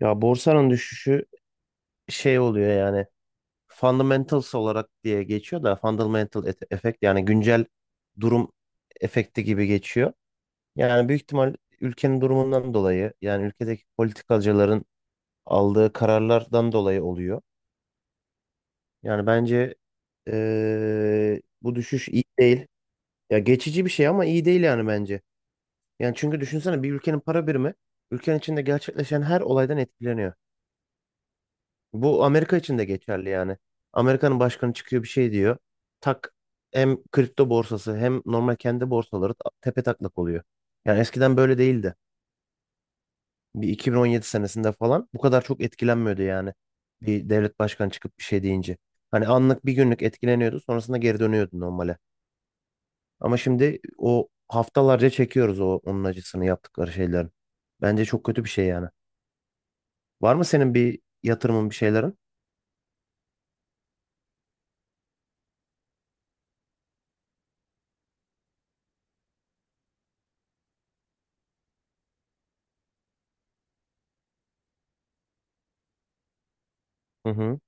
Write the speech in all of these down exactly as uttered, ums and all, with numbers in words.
Ya borsanın düşüşü şey oluyor yani fundamentals olarak diye geçiyor da fundamental et- efekt yani güncel durum efekti gibi geçiyor. Yani büyük ihtimal ülkenin durumundan dolayı yani ülkedeki politikacıların aldığı kararlardan dolayı oluyor. Yani bence eee, bu düşüş iyi değil. Ya geçici bir şey ama iyi değil yani bence. Yani çünkü düşünsene, bir ülkenin para birimi ülkenin içinde gerçekleşen her olaydan etkileniyor. Bu Amerika için de geçerli yani. Amerika'nın başkanı çıkıyor bir şey diyor. Tak, hem kripto borsası hem normal kendi borsaları ta- tepe taklak oluyor. Yani eskiden böyle değildi. Bir iki bin on yedi senesinde falan bu kadar çok etkilenmiyordu yani. Bir devlet başkanı çıkıp bir şey deyince. Hani anlık bir günlük etkileniyordu, sonrasında geri dönüyordu normale. Ama şimdi o haftalarca çekiyoruz o onun acısını yaptıkları şeylerin. Bence çok kötü bir şey yani. Var mı senin bir yatırımın, bir şeylerin? Hı hı.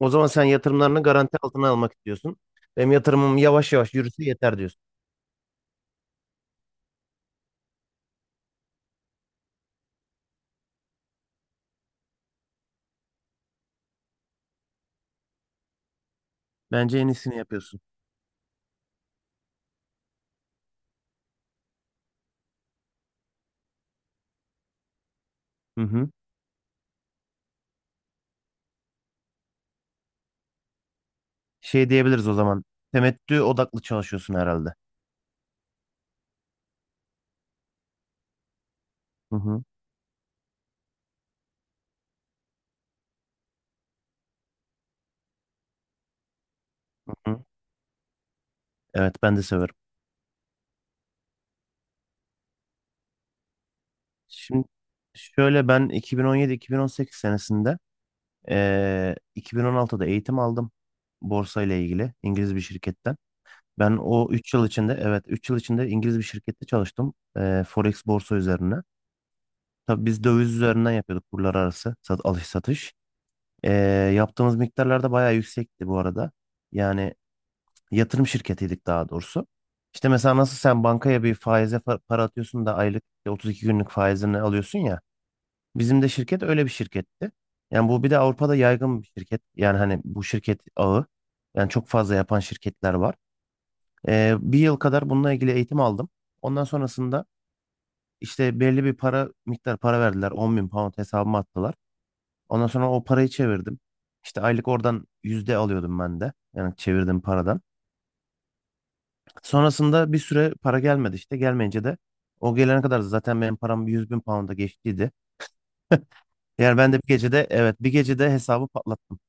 O zaman sen yatırımlarını garanti altına almak istiyorsun. Benim yatırımım yavaş yavaş yürüse yeter diyorsun. Bence en iyisini yapıyorsun. Hı hı. Şey diyebiliriz o zaman. Temettü odaklı çalışıyorsun herhalde. Hı hı. Hı hı. Evet, ben de severim. Şimdi şöyle, ben iki bin on yedi-iki bin on sekiz senesinde eee iki bin on altıda eğitim aldım. Borsa ile ilgili İngiliz bir şirketten. Ben o üç yıl içinde, evet üç yıl içinde İngiliz bir şirkette çalıştım. Eee, Forex borsa üzerine. Tabii biz döviz üzerinden yapıyorduk kurlar arası sat, alış satış. Ee, yaptığımız miktarlar da bayağı yüksekti bu arada. Yani yatırım şirketiydik daha doğrusu. İşte mesela nasıl sen bankaya bir faize fa- para atıyorsun da aylık işte otuz iki günlük faizini alıyorsun ya. Bizim de şirket öyle bir şirketti. Yani bu bir de Avrupa'da yaygın bir şirket. Yani hani bu şirket ağı. Yani çok fazla yapan şirketler var. Ee, bir yıl kadar bununla ilgili eğitim aldım. Ondan sonrasında işte belli bir para miktar para verdiler. on bin pound hesabıma attılar. Ondan sonra o parayı çevirdim. İşte aylık oradan yüzde alıyordum ben de. Yani çevirdiğim paradan. Sonrasında bir süre para gelmedi işte. Gelmeyince de o gelene kadar zaten benim param yüz bin pounda geçtiydi. Yani ben de bir gecede, evet bir gecede hesabı patlattım.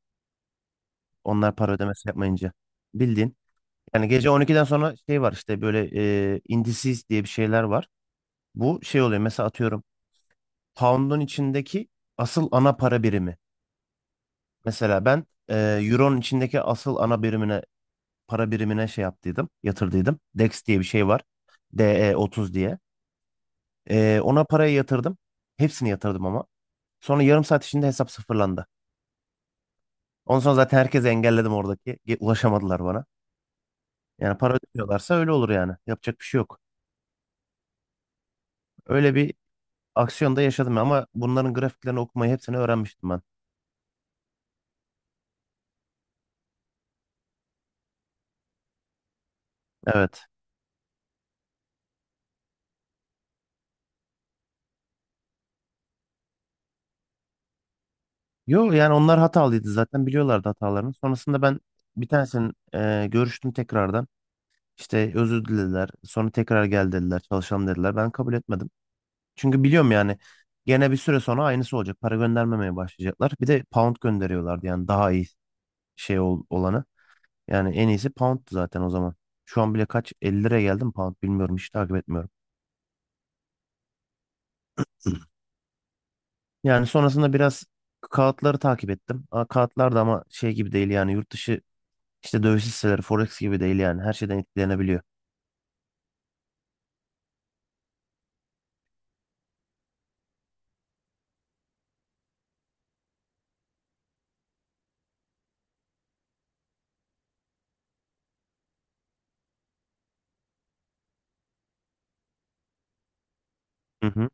Onlar para ödemesi yapmayınca. Bildiğin. Yani gece on ikiden sonra şey var işte, böyle e, indices diye bir şeyler var. Bu şey oluyor mesela, atıyorum. Pound'un içindeki asıl ana para birimi. Mesela ben e, Euro'nun içindeki asıl ana birimine, para birimine şey yaptıydım, yatırdıydım. D E X diye bir şey var. D E otuz diye. Ee, ona parayı yatırdım. Hepsini yatırdım ama. Sonra yarım saat içinde hesap sıfırlandı. Ondan sonra zaten herkesi engelledim oradaki. Ge- Ulaşamadılar bana. Yani para ödüyorlarsa öyle olur yani. Yapacak bir şey yok. Öyle bir aksiyonda yaşadım ama bunların grafiklerini okumayı hepsini öğrenmiştim ben. Evet. Yo yani onlar hatalıydı, zaten biliyorlardı hatalarını. Sonrasında ben bir tanesinin e, görüştüm tekrardan. İşte özür dilediler. Sonra tekrar gel dediler. Çalışalım dediler. Ben kabul etmedim. Çünkü biliyorum yani gene bir süre sonra aynısı olacak. Para göndermemeye başlayacaklar. Bir de pound gönderiyorlardı yani daha iyi şey ol- olanı. Yani en iyisi pound'tu zaten o zaman. Şu an bile kaç elli liraya geldim pound, bilmiyorum, hiç takip etmiyorum. Yani sonrasında biraz kağıtları takip ettim. Aa, kağıtlar da ama şey gibi değil yani, yurt dışı işte döviz hisseleri forex gibi değil yani, her şeyden etkilenebiliyor. Hı hı.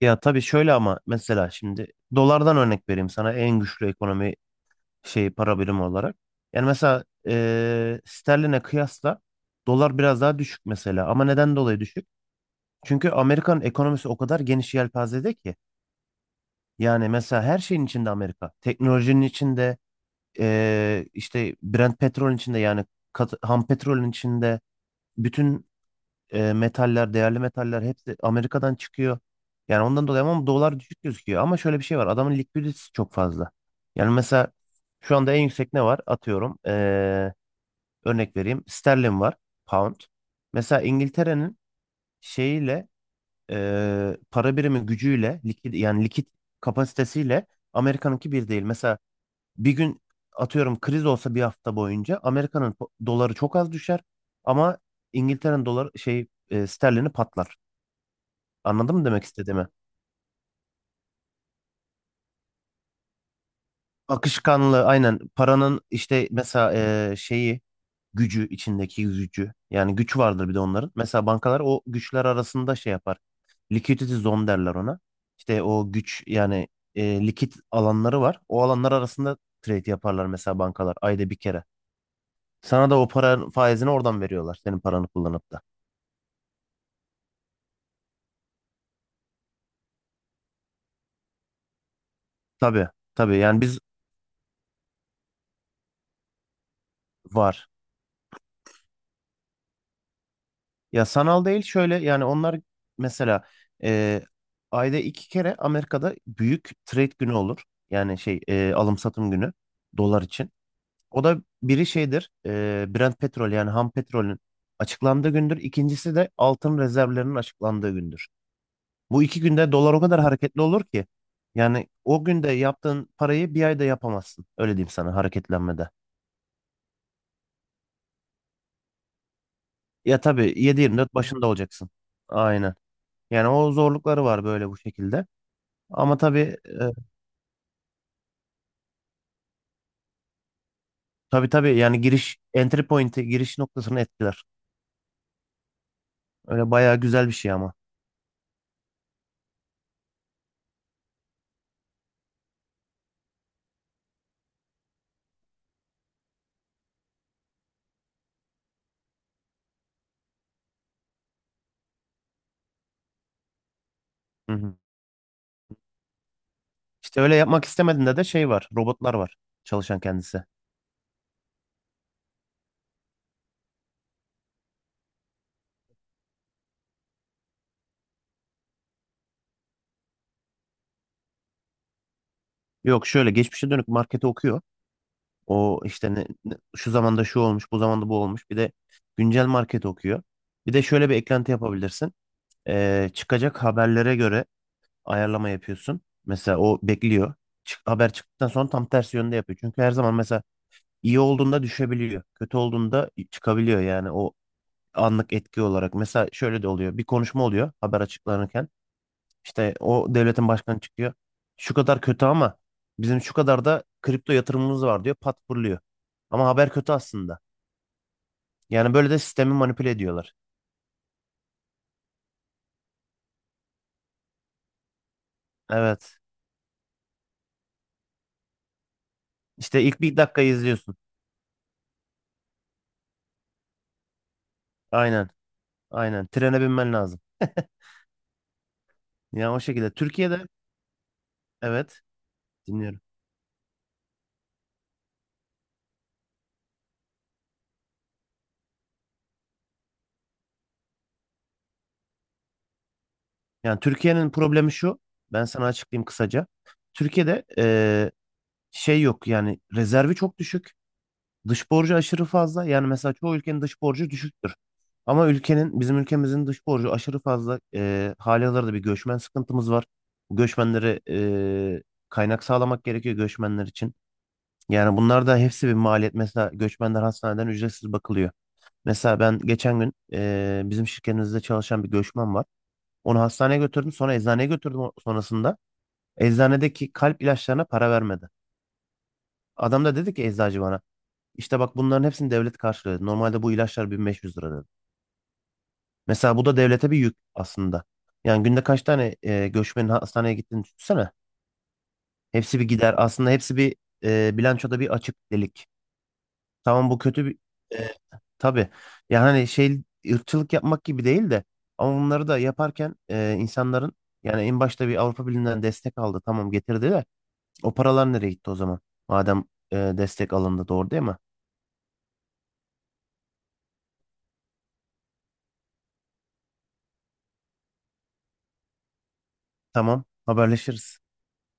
Ya tabii şöyle ama, mesela şimdi dolardan örnek vereyim sana, en güçlü ekonomi şeyi, para birimi olarak. Yani mesela eee, sterline kıyasla dolar biraz daha düşük mesela, ama neden dolayı düşük? Çünkü Amerikan ekonomisi o kadar geniş yelpazede ki yani, mesela her şeyin içinde Amerika. Teknolojinin içinde eee, işte Brent petrolün içinde yani kat- ham petrolün içinde, bütün e, metaller, değerli metaller hepsi Amerika'dan çıkıyor. Yani ondan dolayı ama dolar düşük gözüküyor. Ama şöyle bir şey var. Adamın likviditesi çok fazla. Yani mesela şu anda en yüksek ne var? Atıyorum. eee, örnek vereyim. Sterlin var. Pound. Mesela İngiltere'nin şeyiyle eee, para birimi gücüyle, likit, yani likit kapasitesiyle Amerika'nınki bir değil. Mesela bir gün atıyorum kriz olsa, bir hafta boyunca Amerika'nın po- doları çok az düşer ama İngiltere'nin doları şey e, sterlini patlar. Anladın mı demek istediğimi? Akışkanlığı aynen paranın, işte mesela e, şeyi gücü, içindeki gücü, yani güç vardır bir de onların. Mesela bankalar o güçler arasında şey yapar. Liquidity zone derler ona. İşte o güç yani e, likit alanları var. O alanlar arasında trade yaparlar mesela bankalar, ayda bir kere. Sana da o paranın faizini oradan veriyorlar, senin paranı kullanıp da. Tabii tabii, yani biz var. Ya sanal değil, şöyle yani onlar mesela e, ayda iki kere Amerika'da büyük trade günü olur. Yani şey e, alım satım günü, dolar için. O da biri şeydir e, Brent petrol yani ham petrolün açıklandığı gündür. İkincisi de altın rezervlerinin açıklandığı gündür. Bu iki günde dolar o kadar hareketli olur ki, yani o günde yaptığın parayı bir ayda yapamazsın. Öyle diyeyim sana, hareketlenmede. Ya tabii yedi yirmi dört başında olacaksın. Aynen. Yani o zorlukları var böyle bu şekilde. Ama tabii e, tabii tabii yani, giriş entry point'i, giriş noktasını etkiler. Öyle bayağı güzel bir şey ama. Hı hı. İşte öyle yapmak istemediğinde de şey var. Robotlar var, çalışan kendisi. Yok, şöyle geçmişe dönük marketi okuyor. O işte ne, ne- şu zamanda şu olmuş, bu zamanda bu olmuş. Bir de güncel market okuyor. Bir de şöyle bir eklenti yapabilirsin. Ee, çıkacak haberlere göre ayarlama yapıyorsun. Mesela o bekliyor. Çık, haber çıktıktan sonra tam tersi yönde yapıyor. Çünkü her zaman mesela iyi olduğunda düşebiliyor, kötü olduğunda çıkabiliyor yani, o anlık etki olarak. Mesela şöyle de oluyor. Bir konuşma oluyor haber açıklanırken. İşte o devletin başkanı çıkıyor. Şu kadar kötü ama bizim şu kadar da kripto yatırımımız var diyor. Patpurluyor. Ama haber kötü aslında. Yani böyle de sistemi manipüle ediyorlar. Evet. İşte ilk bir dakikayı izliyorsun. Aynen. Aynen. Trene binmen lazım. Yani o şekilde. Türkiye'de, evet dinliyorum. Yani Türkiye'nin problemi şu. Ben sana açıklayayım kısaca. Türkiye'de eee, şey yok yani, rezervi çok düşük. Dış borcu aşırı fazla. Yani mesela çoğu ülkenin dış borcu düşüktür. Ama ülkenin, bizim ülkemizin dış borcu aşırı fazla. E, hali hazırda bir göçmen sıkıntımız var. Bu göçmenlere e, kaynak sağlamak gerekiyor göçmenler için. Yani bunlar da hepsi bir maliyet. Mesela göçmenler hastaneden ücretsiz bakılıyor. Mesela ben geçen gün e, bizim şirketimizde çalışan bir göçmen var. Onu hastaneye götürdüm, sonra eczaneye götürdüm o- sonrasında. Eczanedeki kalp ilaçlarına para vermedi. Adam da dedi ki eczacı bana, işte bak bunların hepsini devlet karşılıyor. Normalde bu ilaçlar bin beş yüz lira. Mesela bu da devlete bir yük aslında. Yani günde kaç tane e, göçmenin hastaneye gittiğini düşünsene. Hepsi bir gider. Aslında hepsi bir e, bilançoda bir açık delik. Tamam, bu kötü bir e, tabii. Yani hani şey, ırkçılık yapmak gibi değil de, ama bunları da yaparken e, insanların, yani en başta bir Avrupa Birliği'nden destek aldı. Tamam, getirdi de o paralar nereye gitti o zaman? Madem e, destek alındı, doğru değil mi? Tamam, haberleşiriz.